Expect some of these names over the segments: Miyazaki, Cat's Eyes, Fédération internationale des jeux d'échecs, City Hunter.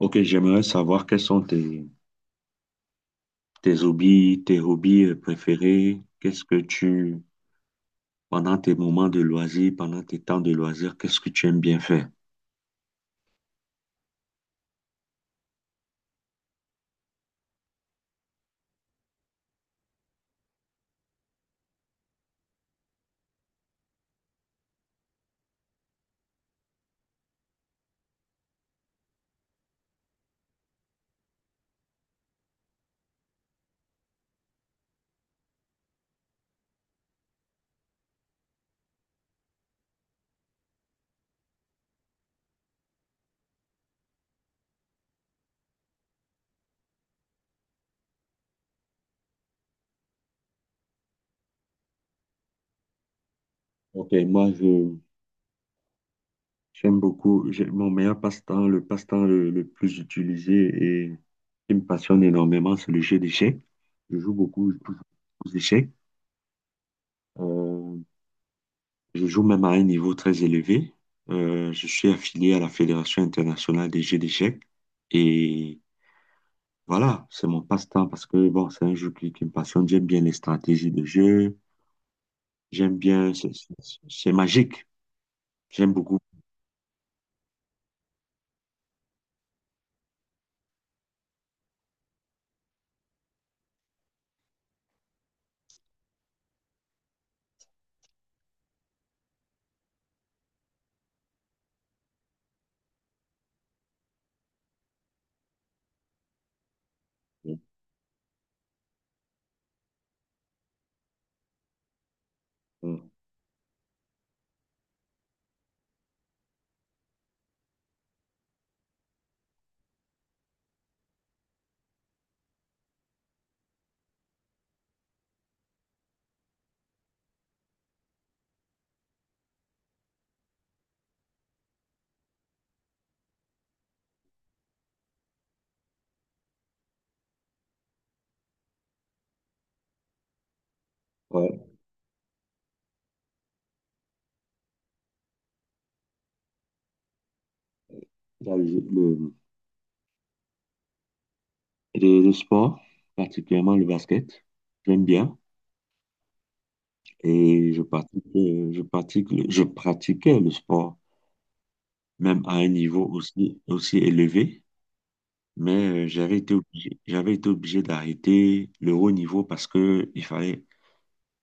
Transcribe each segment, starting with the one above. Ok, j'aimerais savoir tes hobbies préférés. Pendant tes moments de loisirs, pendant tes temps de loisirs, qu'est-ce que tu aimes bien faire? Ok, j'aime beaucoup, mon meilleur passe-temps, le le plus utilisé et qui me passionne énormément, c'est le jeu d'échecs. Je joue beaucoup aux échecs. Euh, je joue même à un niveau très élevé. Je suis affilié à la Fédération internationale des jeux d'échecs et voilà, c'est mon passe-temps parce que bon, c'est un jeu qui me passionne. J'aime bien les stratégies de jeu. J'aime bien, c'est magique. J'aime beaucoup. Euh, Ouais, il y a le- le sport, particulièrement le basket. J'aime bien. Et je pratique, le- je pratiquais le sport, même à un niveau aussi élevé. Mais j'avais été obligé d'arrêter le haut niveau parce que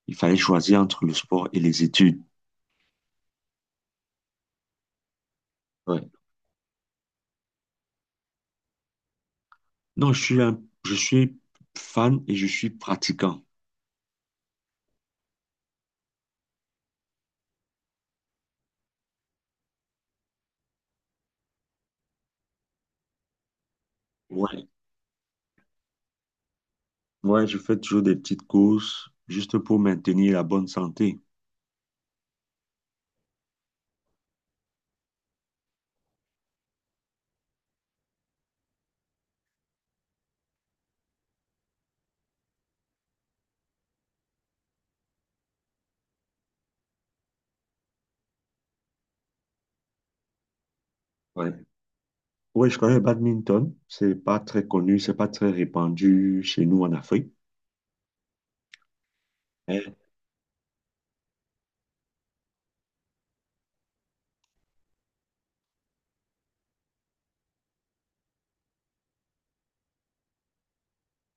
il fallait choisir entre le sport et les études. Ouais. Non, je suis fan et je suis pratiquant. Ouais. Ouais, je fais toujours des petites courses juste pour maintenir la bonne santé. Ouais. Ouais, je connais le badminton. C'est pas très connu, c'est pas très répandu chez nous en Afrique. Mais,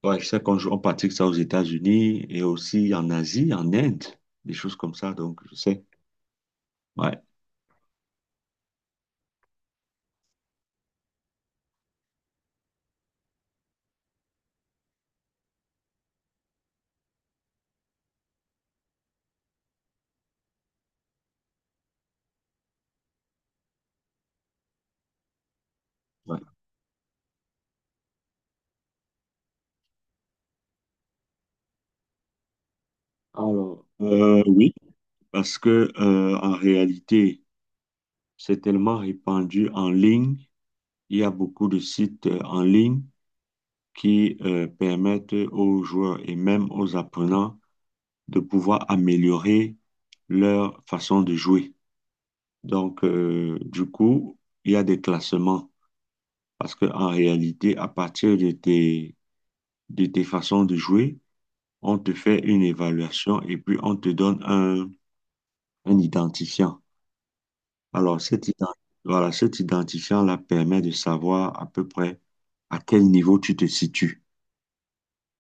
ouais, je sais on pratique ça aux États-Unis et aussi en Asie, en Inde, des choses comme ça. Donc, je sais. Ouais. Ouais. Alors, oui, parce que en réalité, c'est tellement répandu en ligne. Il y a beaucoup de sites en ligne qui permettent aux joueurs et même aux apprenants de pouvoir améliorer leur façon de jouer. Donc, du coup, il y a des classements parce qu'en réalité, à partir de de tes façons de jouer, on te fait une évaluation et puis on te donne un identifiant. Alors, voilà, cet identifiant-là permet de savoir à peu près à quel niveau tu te situes.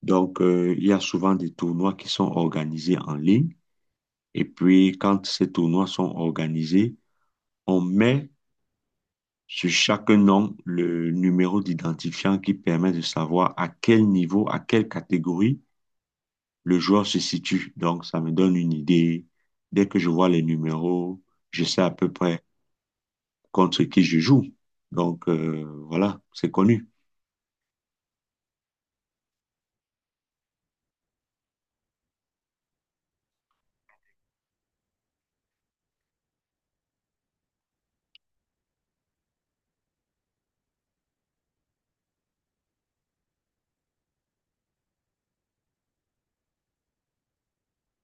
Donc, il y a souvent des tournois qui sont organisés en ligne. Et puis, quand ces tournois sont organisés, on met sur chaque nom le numéro d'identifiant qui permet de savoir à quel niveau, à quelle catégorie le joueur se situe. Donc, ça me donne une idée. Dès que je vois les numéros, je sais à peu près contre qui je joue. Donc, voilà, c'est connu.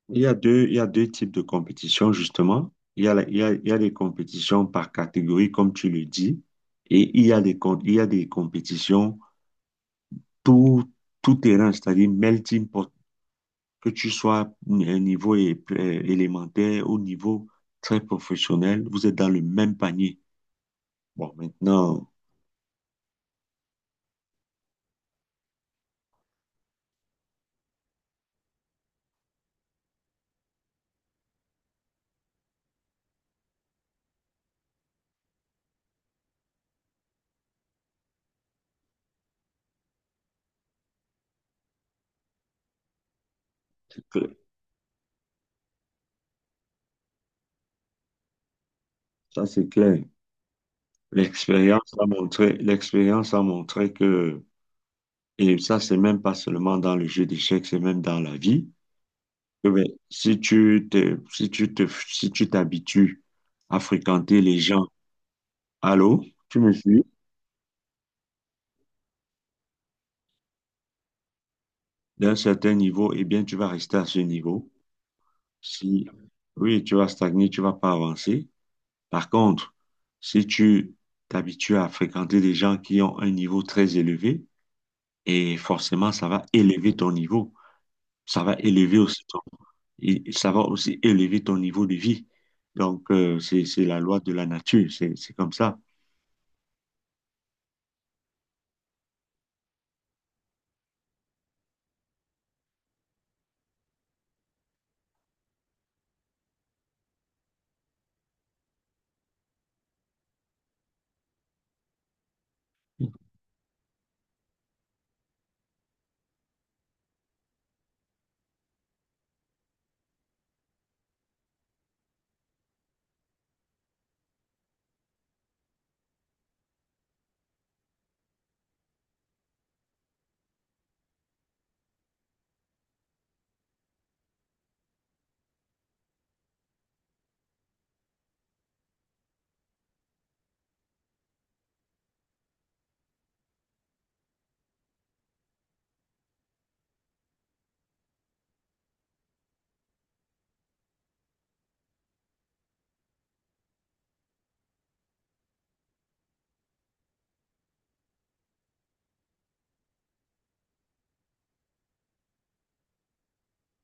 Il y a deux types de compétitions, justement. Il y a, la- il y a les compétitions par catégorie, comme tu le dis, et il y a il y a des compétitions tout, tout terrain, c'est-à-dire melting pot, que tu sois à un niveau élémentaire, au niveau très professionnel, vous êtes dans le même panier. Bon, maintenant, que- ça c'est clair. L'expérience a montré que, et ça c'est même pas seulement dans le jeu d'échecs, c'est même dans la vie. Eh ben si tu t'habitues à fréquenter les gens, allô, tu me suis, d'un certain niveau, eh bien, tu vas rester à ce niveau. Si, oui, tu vas stagner, tu vas pas avancer. Par contre, si tu t'habitues à fréquenter des gens qui ont un niveau très élevé, et forcément, ça va élever ton niveau. Ça va élever aussi ton, et ça va aussi élever ton niveau de vie. Donc, c'est la loi de la nature. C'est comme ça.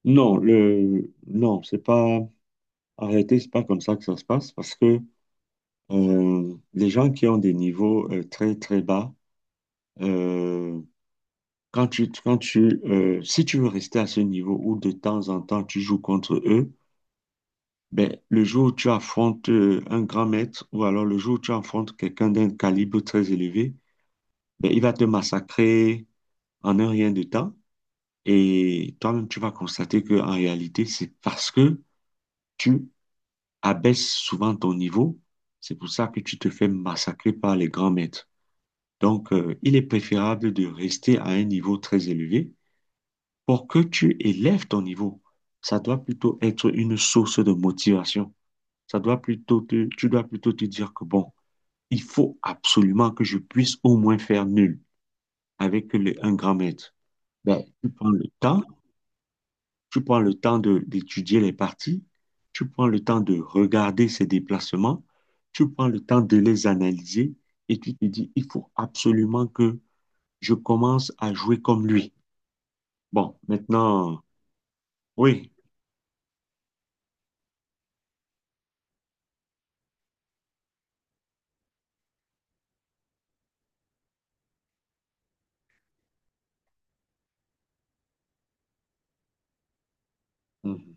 Non, non, c'est pas arrêté, c'est pas comme ça que ça se passe parce que les gens qui ont des niveaux très très bas, euh, si tu veux rester à ce niveau où de temps en temps tu joues contre eux, ben, le jour où tu affrontes un grand maître ou alors le jour où tu affrontes quelqu'un d'un calibre très élevé, ben, il va te massacrer en un rien de temps et toi-même tu vas constater que en réalité c'est parce que tu abaisse souvent ton niveau. C'est pour ça que tu te fais massacrer par les grands maîtres. Donc, il est préférable de rester à un niveau très élevé pour que tu élèves ton niveau. Ça doit plutôt être une source de motivation. Ça doit tu dois plutôt te dire que bon, il faut absolument que je puisse au moins faire nul avec un grand maître. Ben, tu prends le temps. Tu prends le temps d'étudier les parties, tu prends le temps de regarder ces déplacements, tu prends le temps de les analyser et tu te dis, il faut absolument que je commence à jouer comme lui. Bon, maintenant, oui, mhm,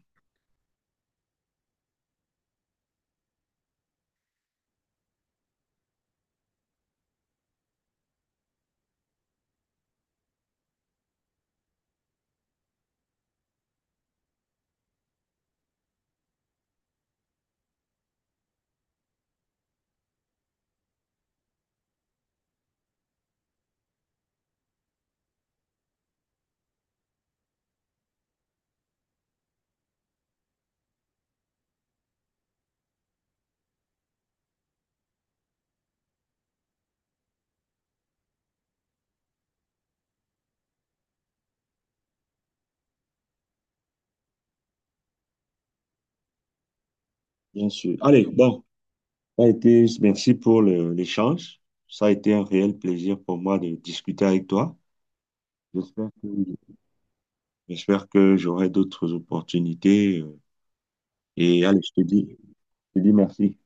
bien sûr. Allez, bon, ça a été, merci pour l'échange. Ça a été un réel plaisir pour moi de discuter avec toi. J'espère que, j'espère que j'aurai d'autres opportunités. Et allez, je te dis merci.